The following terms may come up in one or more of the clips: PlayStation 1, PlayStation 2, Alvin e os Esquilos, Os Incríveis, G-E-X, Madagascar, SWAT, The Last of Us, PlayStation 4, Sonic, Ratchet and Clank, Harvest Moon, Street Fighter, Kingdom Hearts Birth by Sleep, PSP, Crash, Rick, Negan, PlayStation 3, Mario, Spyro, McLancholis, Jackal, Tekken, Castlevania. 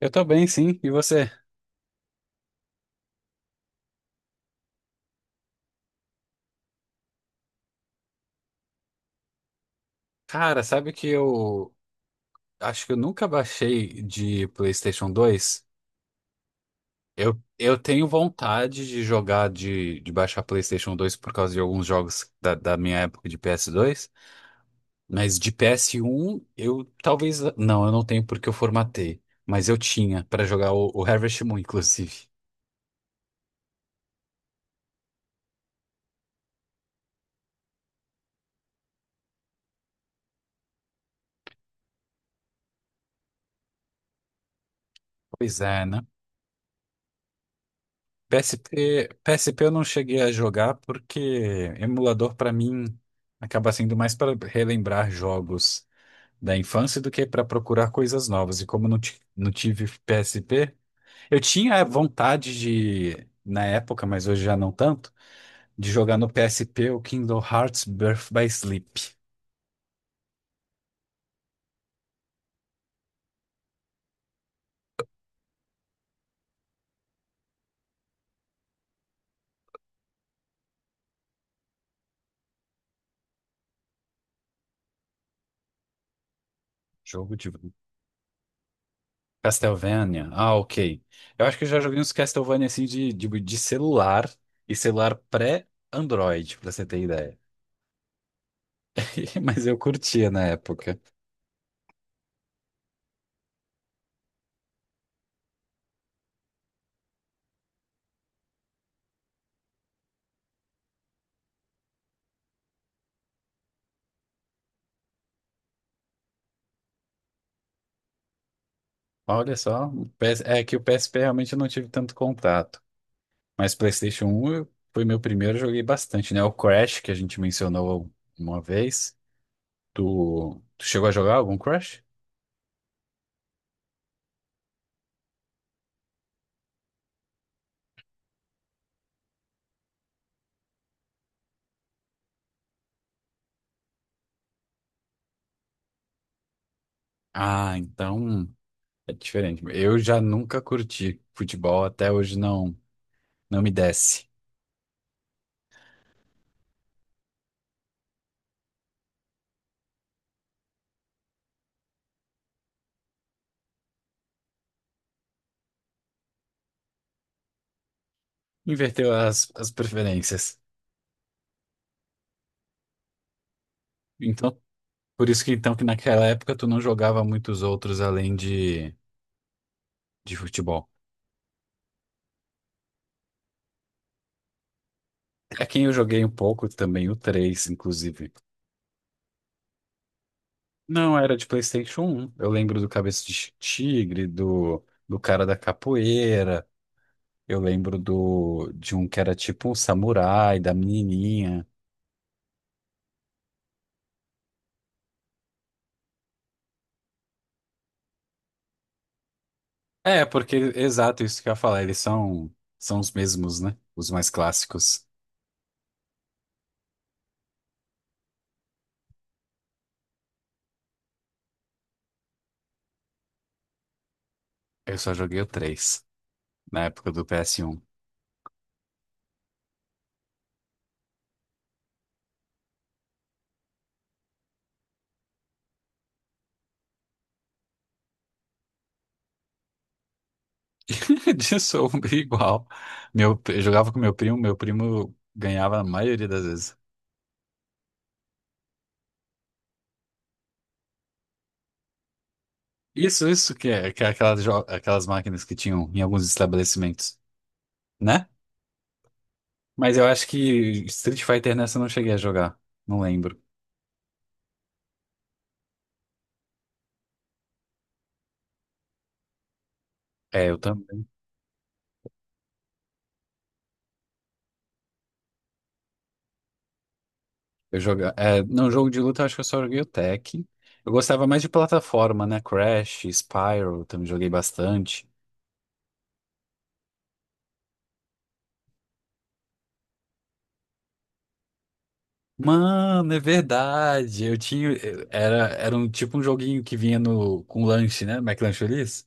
Eu tô bem, sim. E você? Cara, sabe que eu acho que eu nunca baixei de PlayStation 2? Eu tenho vontade de jogar, de baixar PlayStation 2 por causa de alguns jogos da minha época de PS2, mas de PS1 eu talvez. Não, eu não tenho porque eu formatei, mas eu tinha pra jogar o Harvest Moon, inclusive. Pois é, né? PSP eu não cheguei a jogar porque emulador pra mim acaba sendo mais para relembrar jogos da infância do que para procurar coisas novas. E como eu não tive PSP, eu tinha vontade de, na época, mas hoje já não tanto, de jogar no PSP o Kingdom Hearts Birth by Sleep. Jogo de Castlevania. Ah, ok. Eu acho que eu já joguei uns Castlevania assim de celular e celular pré-Android, pra você ter ideia. Mas eu curtia na época. Olha só, o PS é que o PSP realmente eu não tive tanto contato. Mas PlayStation 1 foi meu primeiro, eu joguei bastante, né? O Crash, que a gente mencionou uma vez. Tu, tu chegou a jogar algum Crash? Ah, então é diferente. Eu já nunca curti futebol, até hoje não, não me desce. Inverteu as preferências. Então, por isso que então que naquela época tu não jogava muitos outros além de futebol. É quem eu joguei um pouco também, o 3 inclusive. Não, era de PlayStation 1. Eu lembro do Cabeça de Tigre, do cara da capoeira. Eu lembro do, de um que era tipo um samurai, da menininha. É, porque, exato, isso que eu ia falar. Eles são os mesmos, né? Os mais clássicos. Eu só joguei o 3, na época do PS1. De sombra igual. Meu, eu jogava com meu primo ganhava a maioria das vezes. Isso que é aquelas, aquelas máquinas que tinham em alguns estabelecimentos, né? Mas eu acho que Street Fighter nessa eu não cheguei a jogar. Não lembro. É, eu também. É, não, jogo de luta eu acho que eu só joguei o Tekken. Eu gostava mais de plataforma, né? Crash, Spyro, também joguei bastante. Mano, é verdade. Era um tipo um joguinho que vinha no, com lanche, né? McLancholis.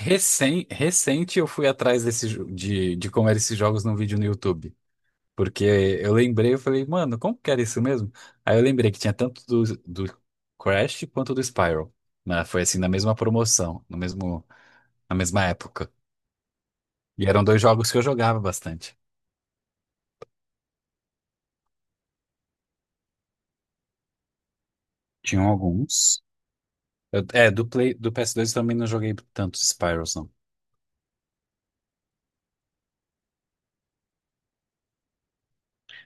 Recém, recente eu fui atrás de como eram esses jogos num vídeo no YouTube. Porque eu lembrei, eu falei, mano, como que era isso mesmo? Aí eu lembrei que tinha tanto do Crash quanto do Spyro. Né? Foi assim, na mesma promoção, no mesmo, na mesma época. E eram dois jogos que eu jogava bastante. Tinham alguns. Do Play, do PS2 eu também não joguei tantos Spyros, não.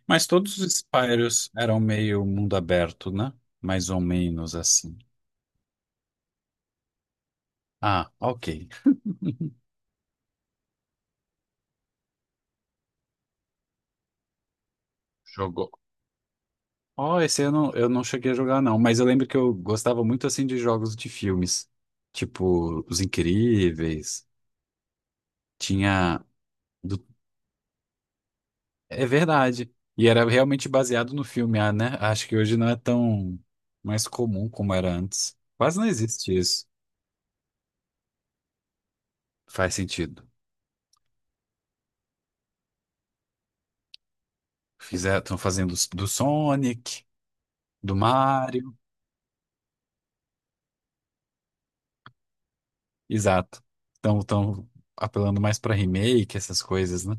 Mas todos os Spyros eram meio mundo aberto, né? Mais ou menos assim. Ah, ok. Jogou. Ó, esse eu não cheguei a jogar, não. Mas eu lembro que eu gostava muito, assim, de jogos de filmes. Tipo, Os Incríveis. Tinha... do- É verdade. E era realmente baseado no filme, ah, né? Acho que hoje não é tão mais comum como era antes. Quase não existe isso. Faz sentido. Fizeram, estão fazendo do Sonic, do Mario. Exato. Estão apelando mais para remake, essas coisas, né?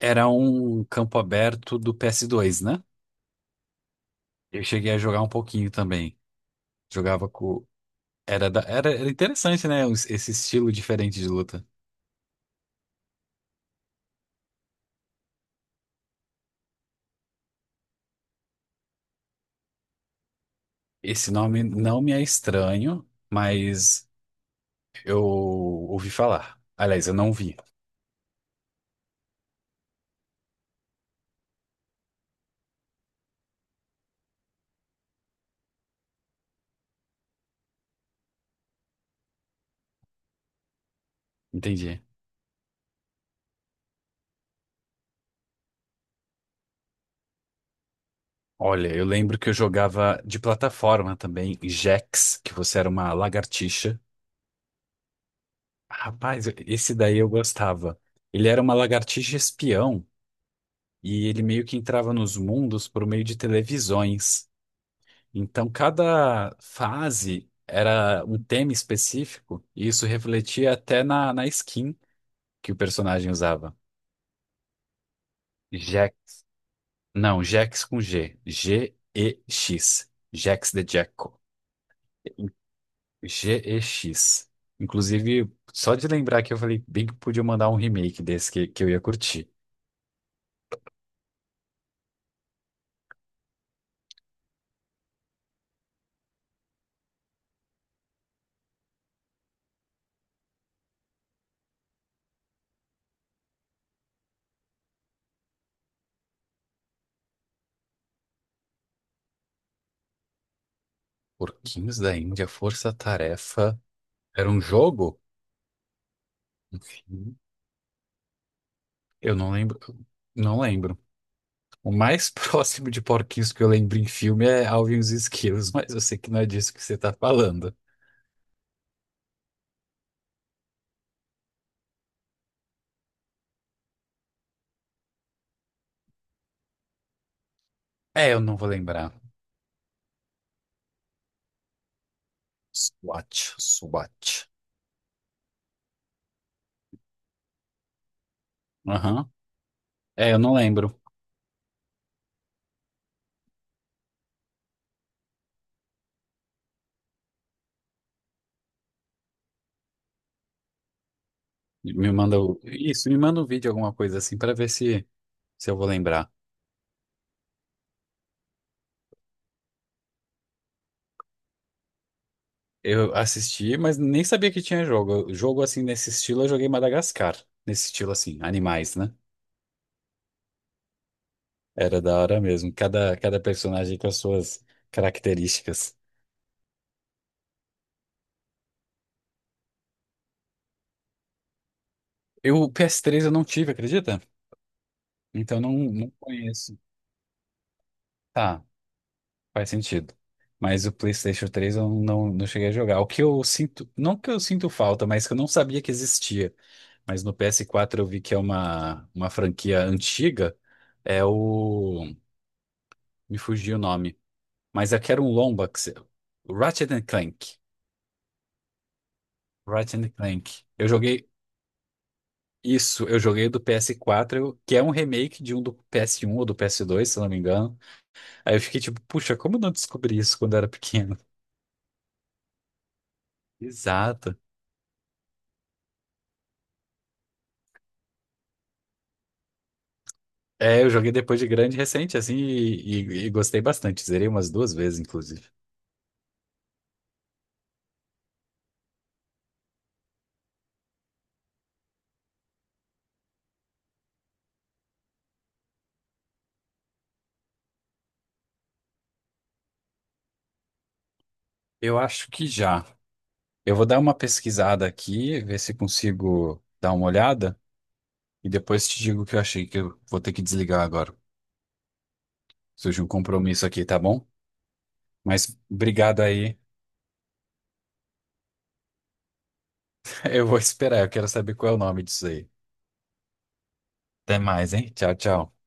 Era um campo aberto do PS2 né? Eu cheguei a jogar um pouquinho também. Jogava com. Era interessante, né? Esse estilo diferente de luta. Esse nome não me é estranho, mas eu ouvi falar. Aliás, eu não vi. Entendi. Olha, eu lembro que eu jogava de plataforma também, Jax, que você era uma lagartixa. Rapaz, esse daí eu gostava. Ele era uma lagartixa espião e ele meio que entrava nos mundos por meio de televisões. Então, cada fase era um tema específico, e isso refletia até na skin que o personagem usava. Jax. Não, Jax com G. GEX. Jax de Jackal. GEX. Inclusive, só de lembrar que eu falei bem que podia mandar um remake desse que eu ia curtir. Porquinhos da Índia, Força Tarefa. Era um jogo? Enfim, eu não lembro. Não lembro. O mais próximo de porquinhos que eu lembro em filme é Alvin e os Esquilos, mas eu sei que não é disso que você tá falando. É, eu não vou lembrar. SWAT, SWAT. Aham. É, eu não lembro. Me manda o... Isso, me manda um vídeo, alguma coisa assim, pra ver se eu vou lembrar. Eu assisti, mas nem sabia que tinha jogo. Jogo assim, nesse estilo, eu joguei Madagascar. Nesse estilo assim, animais, né? Era da hora mesmo. Cada personagem com as suas características. O PS3 eu não tive, acredita? Então não, não conheço. Tá, faz sentido. Mas o PlayStation 3 eu não cheguei a jogar. O que eu sinto, não que eu sinto falta, mas que eu não sabia que existia. Mas no PS4 eu vi que é uma, franquia antiga. É o. Me fugiu o nome. Mas é que era um lomba. Que se- Ratchet and Clank. Ratchet and Clank. Eu joguei. Isso, eu joguei do PS4 que é um remake de um do PS1 ou do PS2 se não me engano. Aí eu fiquei tipo, puxa, como eu não descobri isso quando eu era pequeno? Exato. É, eu joguei depois de grande, recente, assim, e gostei bastante. Zerei umas duas vezes, inclusive. Eu acho que já. Eu vou dar uma pesquisada aqui, ver se consigo dar uma olhada, e depois te digo o que eu achei que eu vou ter que desligar agora. Surgiu um compromisso aqui, tá bom? Mas obrigado aí. Eu vou esperar, eu quero saber qual é o nome disso aí. Até mais, hein? Tchau, tchau.